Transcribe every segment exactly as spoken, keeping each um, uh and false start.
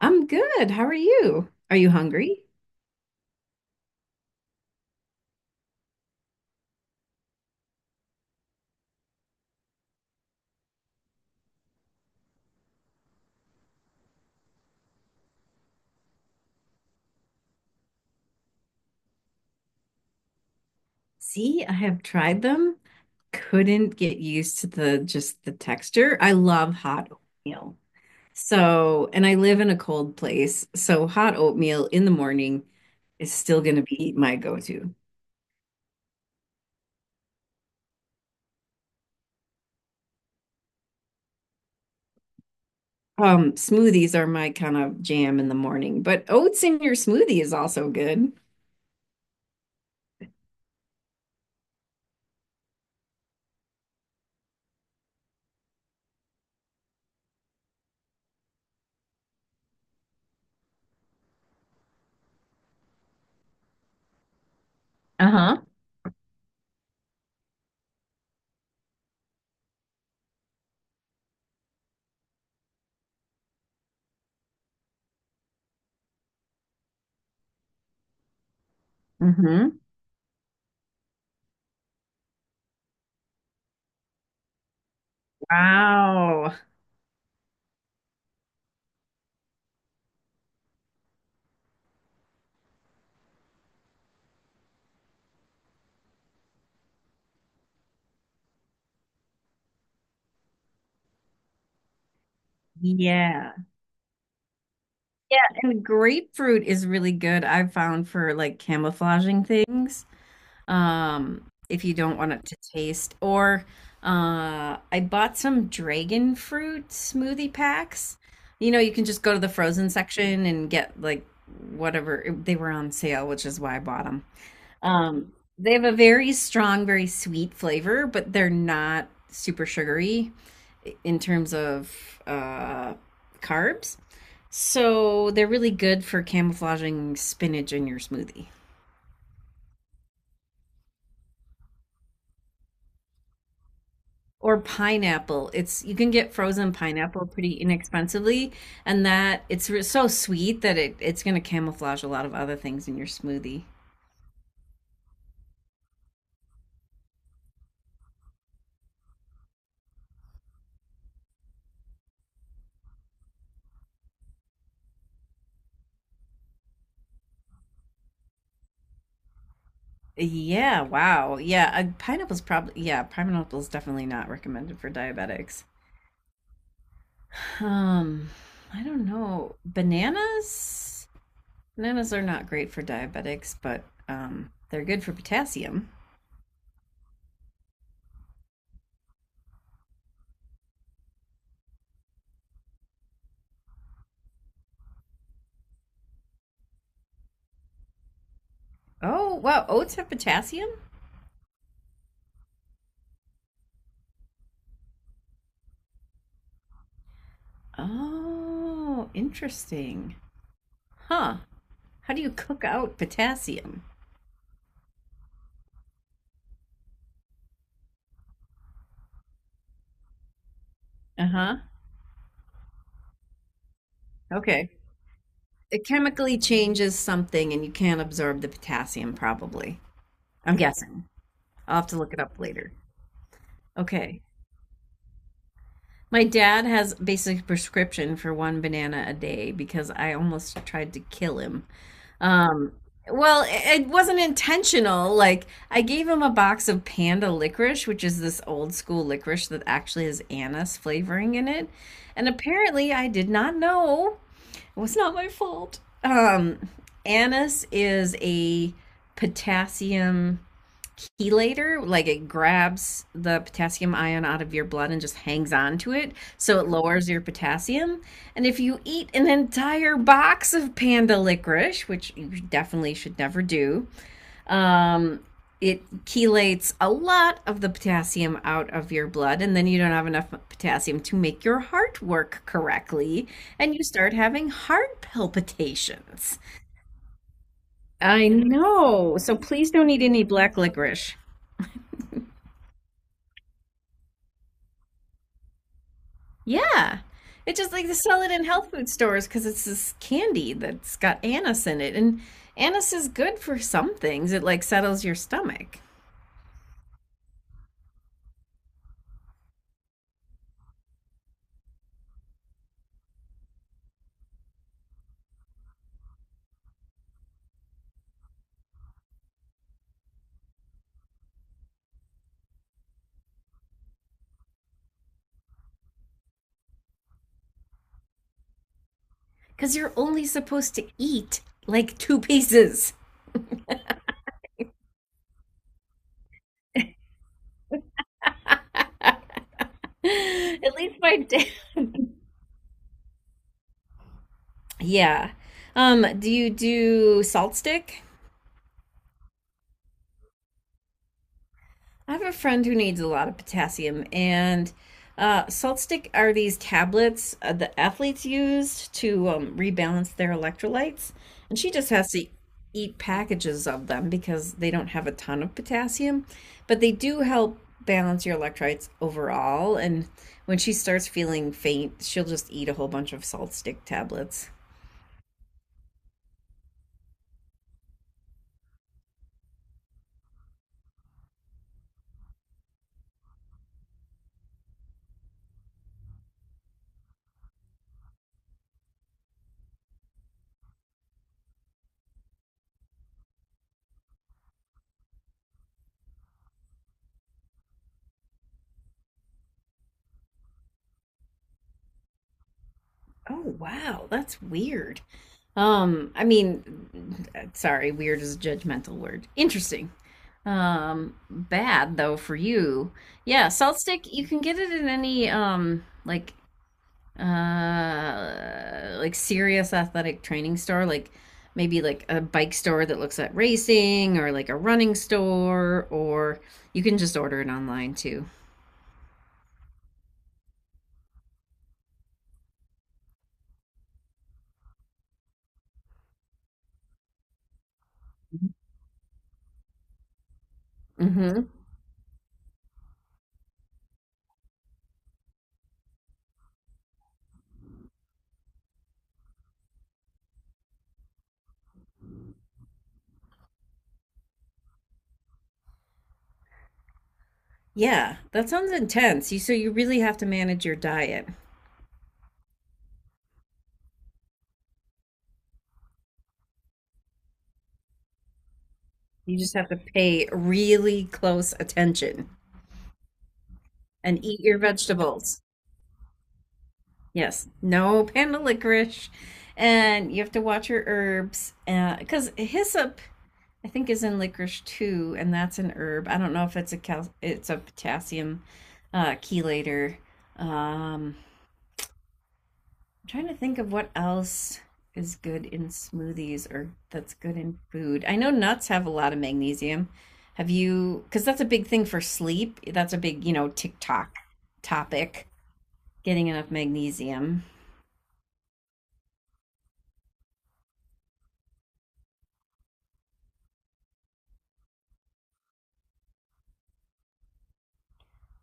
I'm good. How are you? Are you hungry? See, I have tried them. Couldn't get used to the just the texture. I love hot oatmeal. So, and I live in a cold place, so hot oatmeal in the morning is still going to be my go-to. Um, smoothies are my kind of jam in the morning, but oats in your smoothie is also good. Uh-huh. Hmm. Wow. Yeah. Yeah, and grapefruit is really good, I've found, for like camouflaging things. um, if you don't want it to taste. Or uh, I bought some dragon fruit smoothie packs. You know, you can just go to the frozen section and get like whatever they were on sale, which is why I bought them. Um, they have a very strong, very sweet flavor, but they're not super sugary in terms of uh, carbs. So they're really good for camouflaging spinach in your smoothie. Or pineapple. It's You can get frozen pineapple pretty inexpensively, and that it's re- so sweet that it it's going to camouflage a lot of other things in your smoothie. Yeah, wow. Yeah, uh, pineapple's probably yeah, pineapple's definitely not recommended for diabetics. Um, I don't know. Bananas? Bananas are not great for diabetics, but um they're good for potassium. Oh, wow, oats have potassium? Oh, interesting. Huh. How do you cook out potassium? Uh huh. Okay. It chemically changes something and you can't absorb the potassium, probably. I'm guessing. I'll have to look it up later. Okay. My dad has basic prescription for one banana a day because I almost tried to kill him. Um, well, it it wasn't intentional. Like, I gave him a box of panda licorice, which is this old school licorice that actually has anise flavoring in it. And apparently, I did not know. It was not my fault. Um, anise is a potassium chelator. Like, it grabs the potassium ion out of your blood and just hangs on to it. So it lowers your potassium. And if you eat an entire box of panda licorice, which you definitely should never do, um, it chelates a lot of the potassium out of your blood, and then you don't have enough potassium to make your heart work correctly, and you start having heart palpitations. I know. So please don't eat any black licorice. Yeah. It's just like they sell it in health food stores because it's this candy that's got anise in it. And anise is good for some things. It like settles your stomach because you're only supposed to eat like two pieces. At least my dad. Yeah. Um, do you do salt stick? I have a friend who needs a lot of potassium, and uh, salt stick are these tablets uh, the athletes use to um, rebalance their electrolytes. And she just has to eat packages of them because they don't have a ton of potassium, but they do help balance your electrolytes overall. And when she starts feeling faint, she'll just eat a whole bunch of salt stick tablets. Oh wow, that's weird. Um, I mean, uh, sorry, weird is a judgmental word. Interesting. Um, bad though for you. Yeah, salt stick. You can get it in any um like uh like serious athletic training store, like maybe like a bike store that looks at racing, or like a running store, or you can just order it online too. Mm-hmm. Yeah, that sounds intense. You so you really have to manage your diet. You just have to pay really close attention and eat your vegetables. Yes, no panda licorice. And you have to watch your herbs. Because hyssop, I think, is in licorice too, and that's an herb. I don't know if it's a cal- it's a potassium uh, chelator. Um, I'm trying to think of what else is good in smoothies or that's good in food. I know nuts have a lot of magnesium. Have you, because that's a big thing for sleep. That's a big, you know, TikTok topic, getting enough magnesium.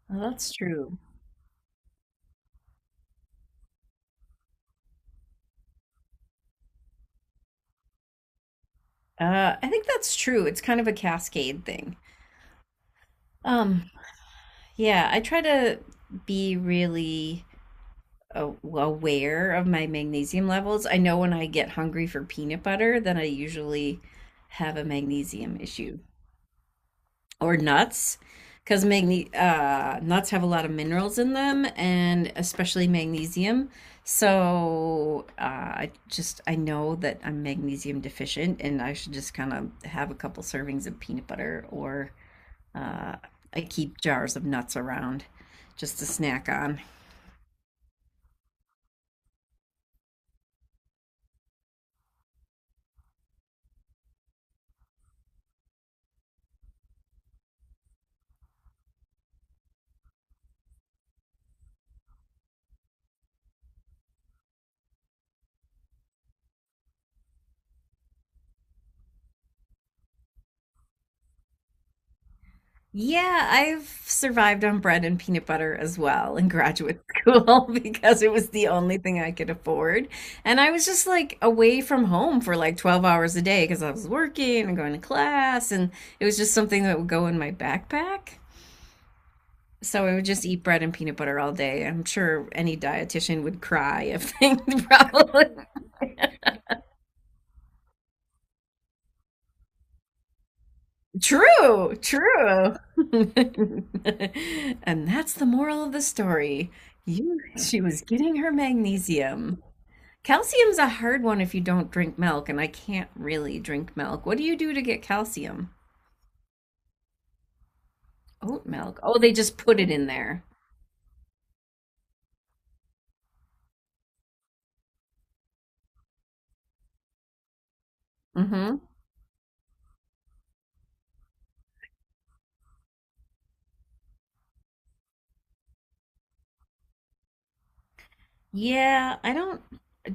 Well, that's true. Uh, I think that's true. It's kind of a cascade thing. Um, yeah, I try to be really a- aware of my magnesium levels. I know when I get hungry for peanut butter, then I usually have a magnesium issue. Or nuts, because magne- uh, nuts have a lot of minerals in them, and especially magnesium. So, uh, i just i know that I'm magnesium deficient and I should just kind of have a couple servings of peanut butter. Or uh, I keep jars of nuts around just to snack on. Yeah, I've survived on bread and peanut butter as well in graduate school because it was the only thing I could afford. And I was just like away from home for like twelve hours a day because I was working and going to class, and it was just something that would go in my backpack. So I would just eat bread and peanut butter all day. I'm sure any dietitian would cry if they probably. True, true. And that's the moral of the story. You, she was getting her magnesium. Calcium's a hard one if you don't drink milk, and I can't really drink milk. What do you do to get calcium? Oat milk. Oh, they just put it in there. Mm-hmm. Yeah, I don't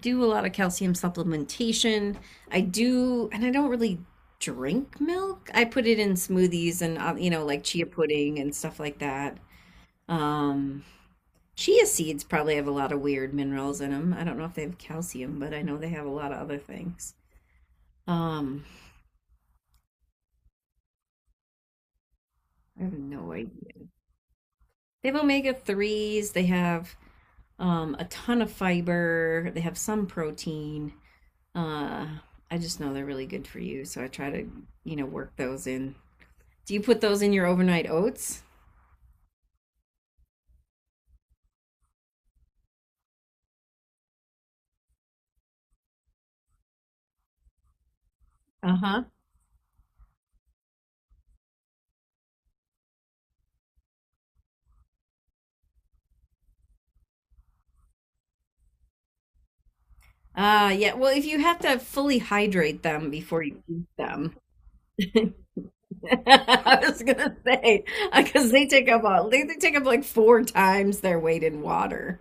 do a lot of calcium supplementation. I do, and I don't really drink milk. I put it in smoothies and, uh, you know, like chia pudding and stuff like that. Um, Chia seeds probably have a lot of weird minerals in them. I don't know if they have calcium, but I know they have a lot of other things. Um, I have no idea. They have omega three s, they have um, a ton of fiber, they have some protein. Uh, I just know they're really good for you, so I try to, you know, work those in. Do you put those in your overnight oats? Uh-huh. Uh, yeah. Well, if you have to fully hydrate them before you eat them, I was gonna say because they take up all they, they take up like four times their weight in water.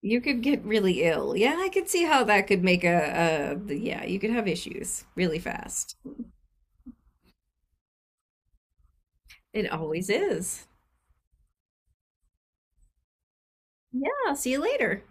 You could get really ill. Yeah, I could see how that could make a, a yeah, you could have issues really fast. It always is. Yeah, see you later.